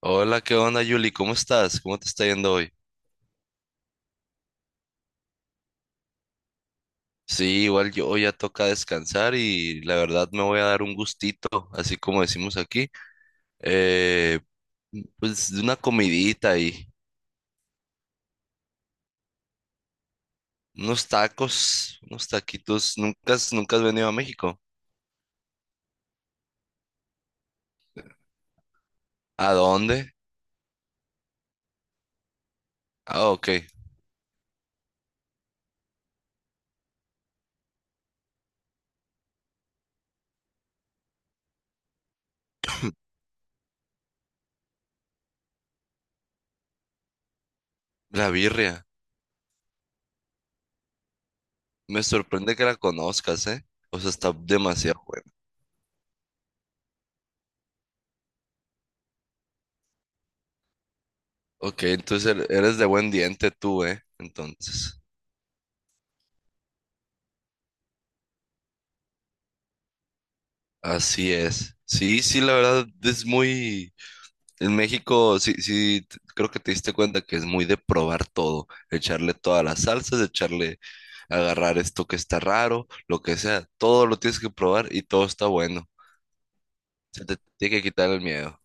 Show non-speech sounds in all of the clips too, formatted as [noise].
Hola, ¿qué onda, Yuli? ¿Cómo estás? ¿Cómo te está yendo hoy? Sí, igual yo ya toca descansar y la verdad me voy a dar un gustito, así como decimos aquí. Eh, pues de una comidita y unos tacos, unos taquitos. ¿Nunca has venido a México? ¿A dónde? Ah, ok. La birria. Me sorprende que la conozcas, ¿eh? O sea, está demasiado buena. Ok, entonces eres de buen diente tú, ¿eh? Entonces. Así es. Sí, sí, la verdad es muy. En México, sí, sí, creo que te diste cuenta que es muy de probar todo, echarle todas las salsas, echarle, agarrar esto que está raro, lo que sea, todo lo tienes que probar y todo está bueno. Se te tiene que quitar el miedo.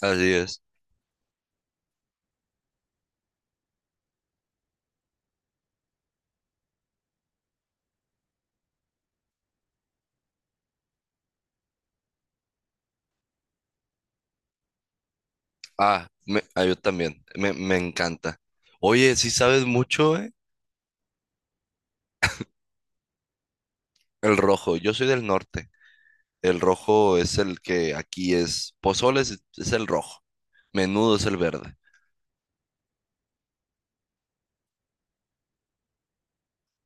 Así es. Yo también, me encanta. Oye, sí sabes mucho, ¿eh? El rojo, yo soy del norte. El rojo es el que aquí es, pozole es el rojo, menudo es el verde.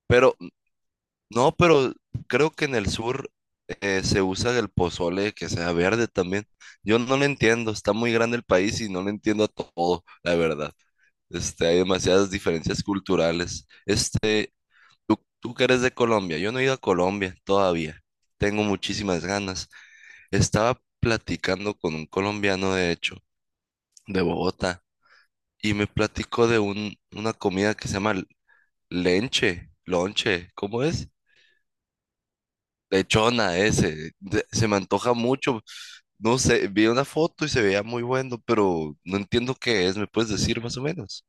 Pero no, pero creo que en el sur se usa el pozole que sea verde también. Yo no lo entiendo, está muy grande el país y no lo entiendo a todo, la verdad. Hay demasiadas diferencias culturales. Este, tú que eres de Colombia, yo no he ido a Colombia todavía. Tengo muchísimas ganas. Estaba platicando con un colombiano, de hecho, de Bogotá, y me platicó de una comida que se llama lonche, ¿cómo es? Lechona ese, se me antoja mucho. No sé, vi una foto y se veía muy bueno, pero no entiendo qué es. ¿Me puedes decir más o menos?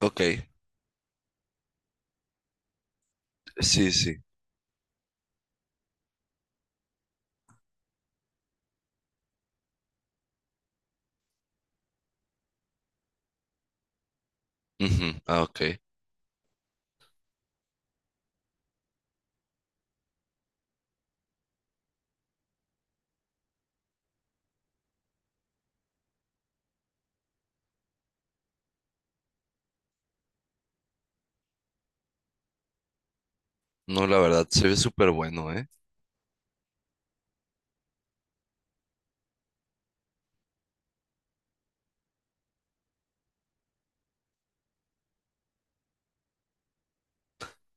Ok, sí, sí. Ujú, ah, ok. No, la verdad, se ve súper bueno, ¿eh?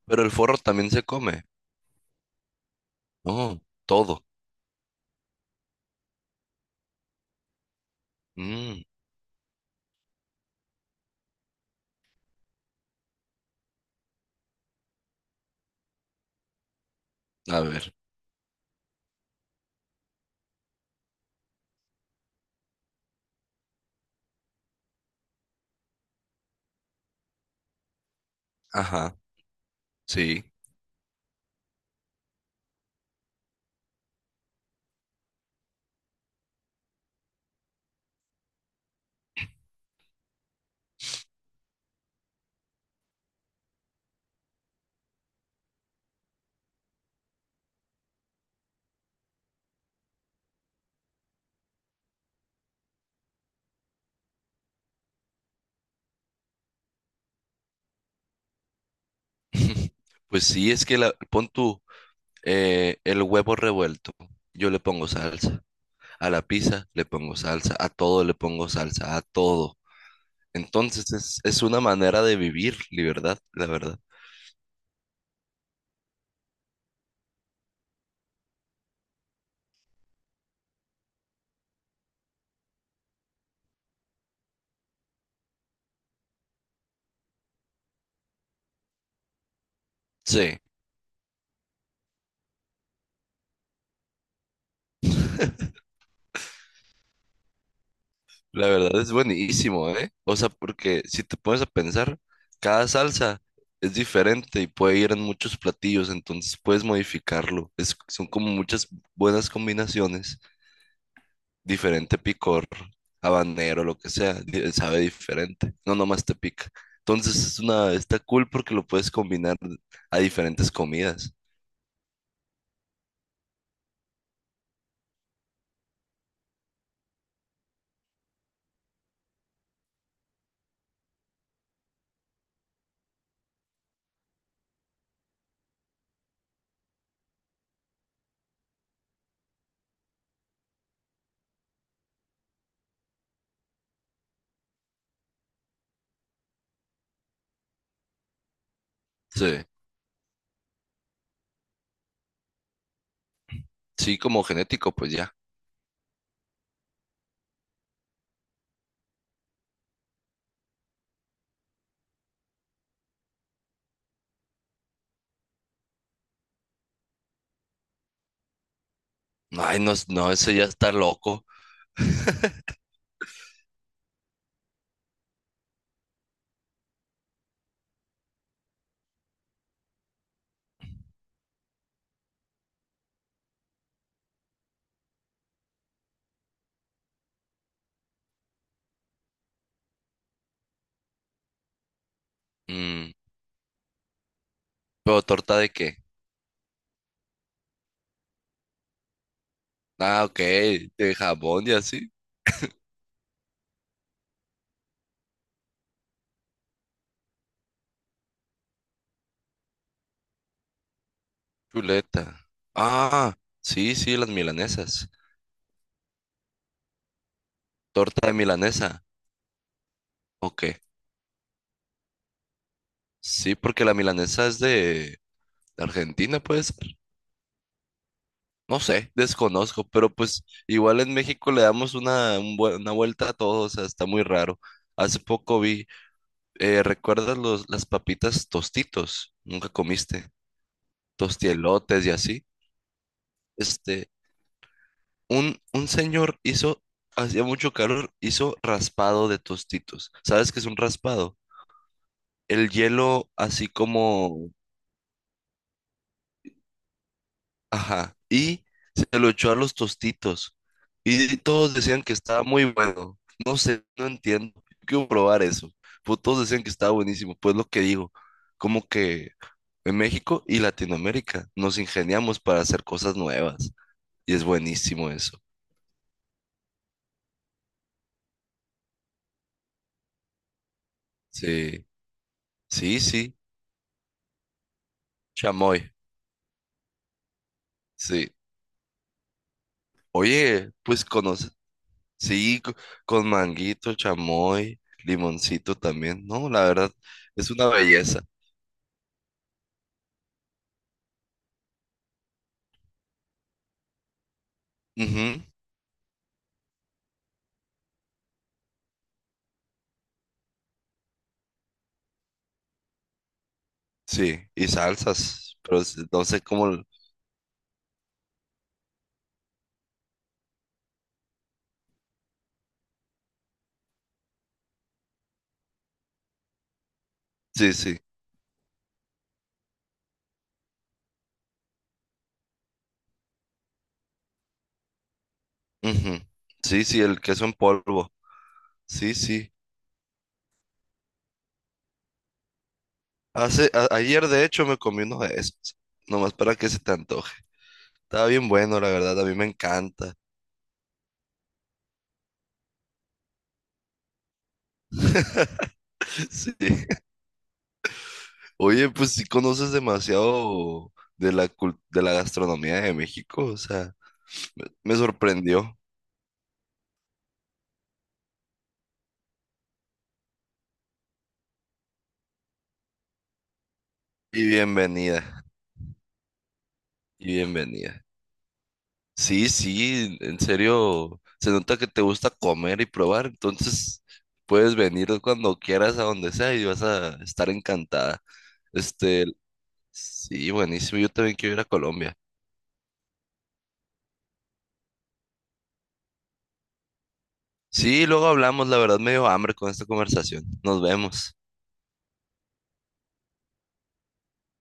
Pero el forro también se come. Oh, todo. Mm, a ver. Ajá, sí. [laughs] Pues sí, es que la, pon tú el huevo revuelto. Yo le pongo salsa. A la pizza le pongo salsa. A todo le pongo salsa. A todo. Entonces es una manera de vivir libertad, la verdad. Sí, la verdad es buenísimo, ¿eh? O sea, porque si te pones a pensar, cada salsa es diferente y puede ir en muchos platillos, entonces puedes modificarlo. Es, son como muchas buenas combinaciones, diferente picor, habanero, lo que sea, sabe diferente, no nomás te pica. Entonces es una, está cool porque lo puedes combinar a diferentes comidas. Sí, sí, como genético, pues ya. Ay, no, no, eso ya está loco. Mm, ¿pero torta de qué? Ah, ok, de jabón y así. Chuleta. Ah, sí, sí, las milanesas. Torta de milanesa. Ok. Sí, porque la milanesa es de Argentina, puede ser. No sé, desconozco, pero pues igual en México le damos un una vuelta a todo, o sea, está muy raro. Hace poco vi, ¿recuerdas las papitas tostitos? Nunca comiste. Tostielotes y así. Este, un señor hizo, hacía mucho calor, hizo raspado de tostitos. ¿Sabes qué es un raspado? El hielo así como, ajá, y se lo echó a los tostitos. Y todos decían que estaba muy bueno. No sé, no entiendo. Quiero probar eso. Pues todos decían que estaba buenísimo. Pues lo que digo, como que en México y Latinoamérica nos ingeniamos para hacer cosas nuevas. Y es buenísimo eso. Sí, sí, sí. Chamoy. Sí. Oye, pues conoce, sí, con manguito, chamoy, limoncito también. No, la verdad, es una belleza. Ujú, sí, y salsas, pero no sé cómo. Sí, sí. Ujú, sí, sí, el queso en polvo. Sí, sí. Hace, ayer, de hecho, me comí uno de esos. Nomás para que se te antoje. Estaba bien bueno, la verdad, a mí me encanta. [laughs] Sí. Oye, pues sí conoces demasiado de la, de la gastronomía de México, o sea. Me sorprendió. Y bienvenida. Y bienvenida. Sí, sí, en serio. Se nota que te gusta comer y probar. Entonces, puedes venir cuando quieras a donde sea y vas a estar encantada. Este, sí, buenísimo. Yo también quiero ir a Colombia. Sí, luego hablamos. La verdad, me dio hambre con esta conversación. Nos vemos.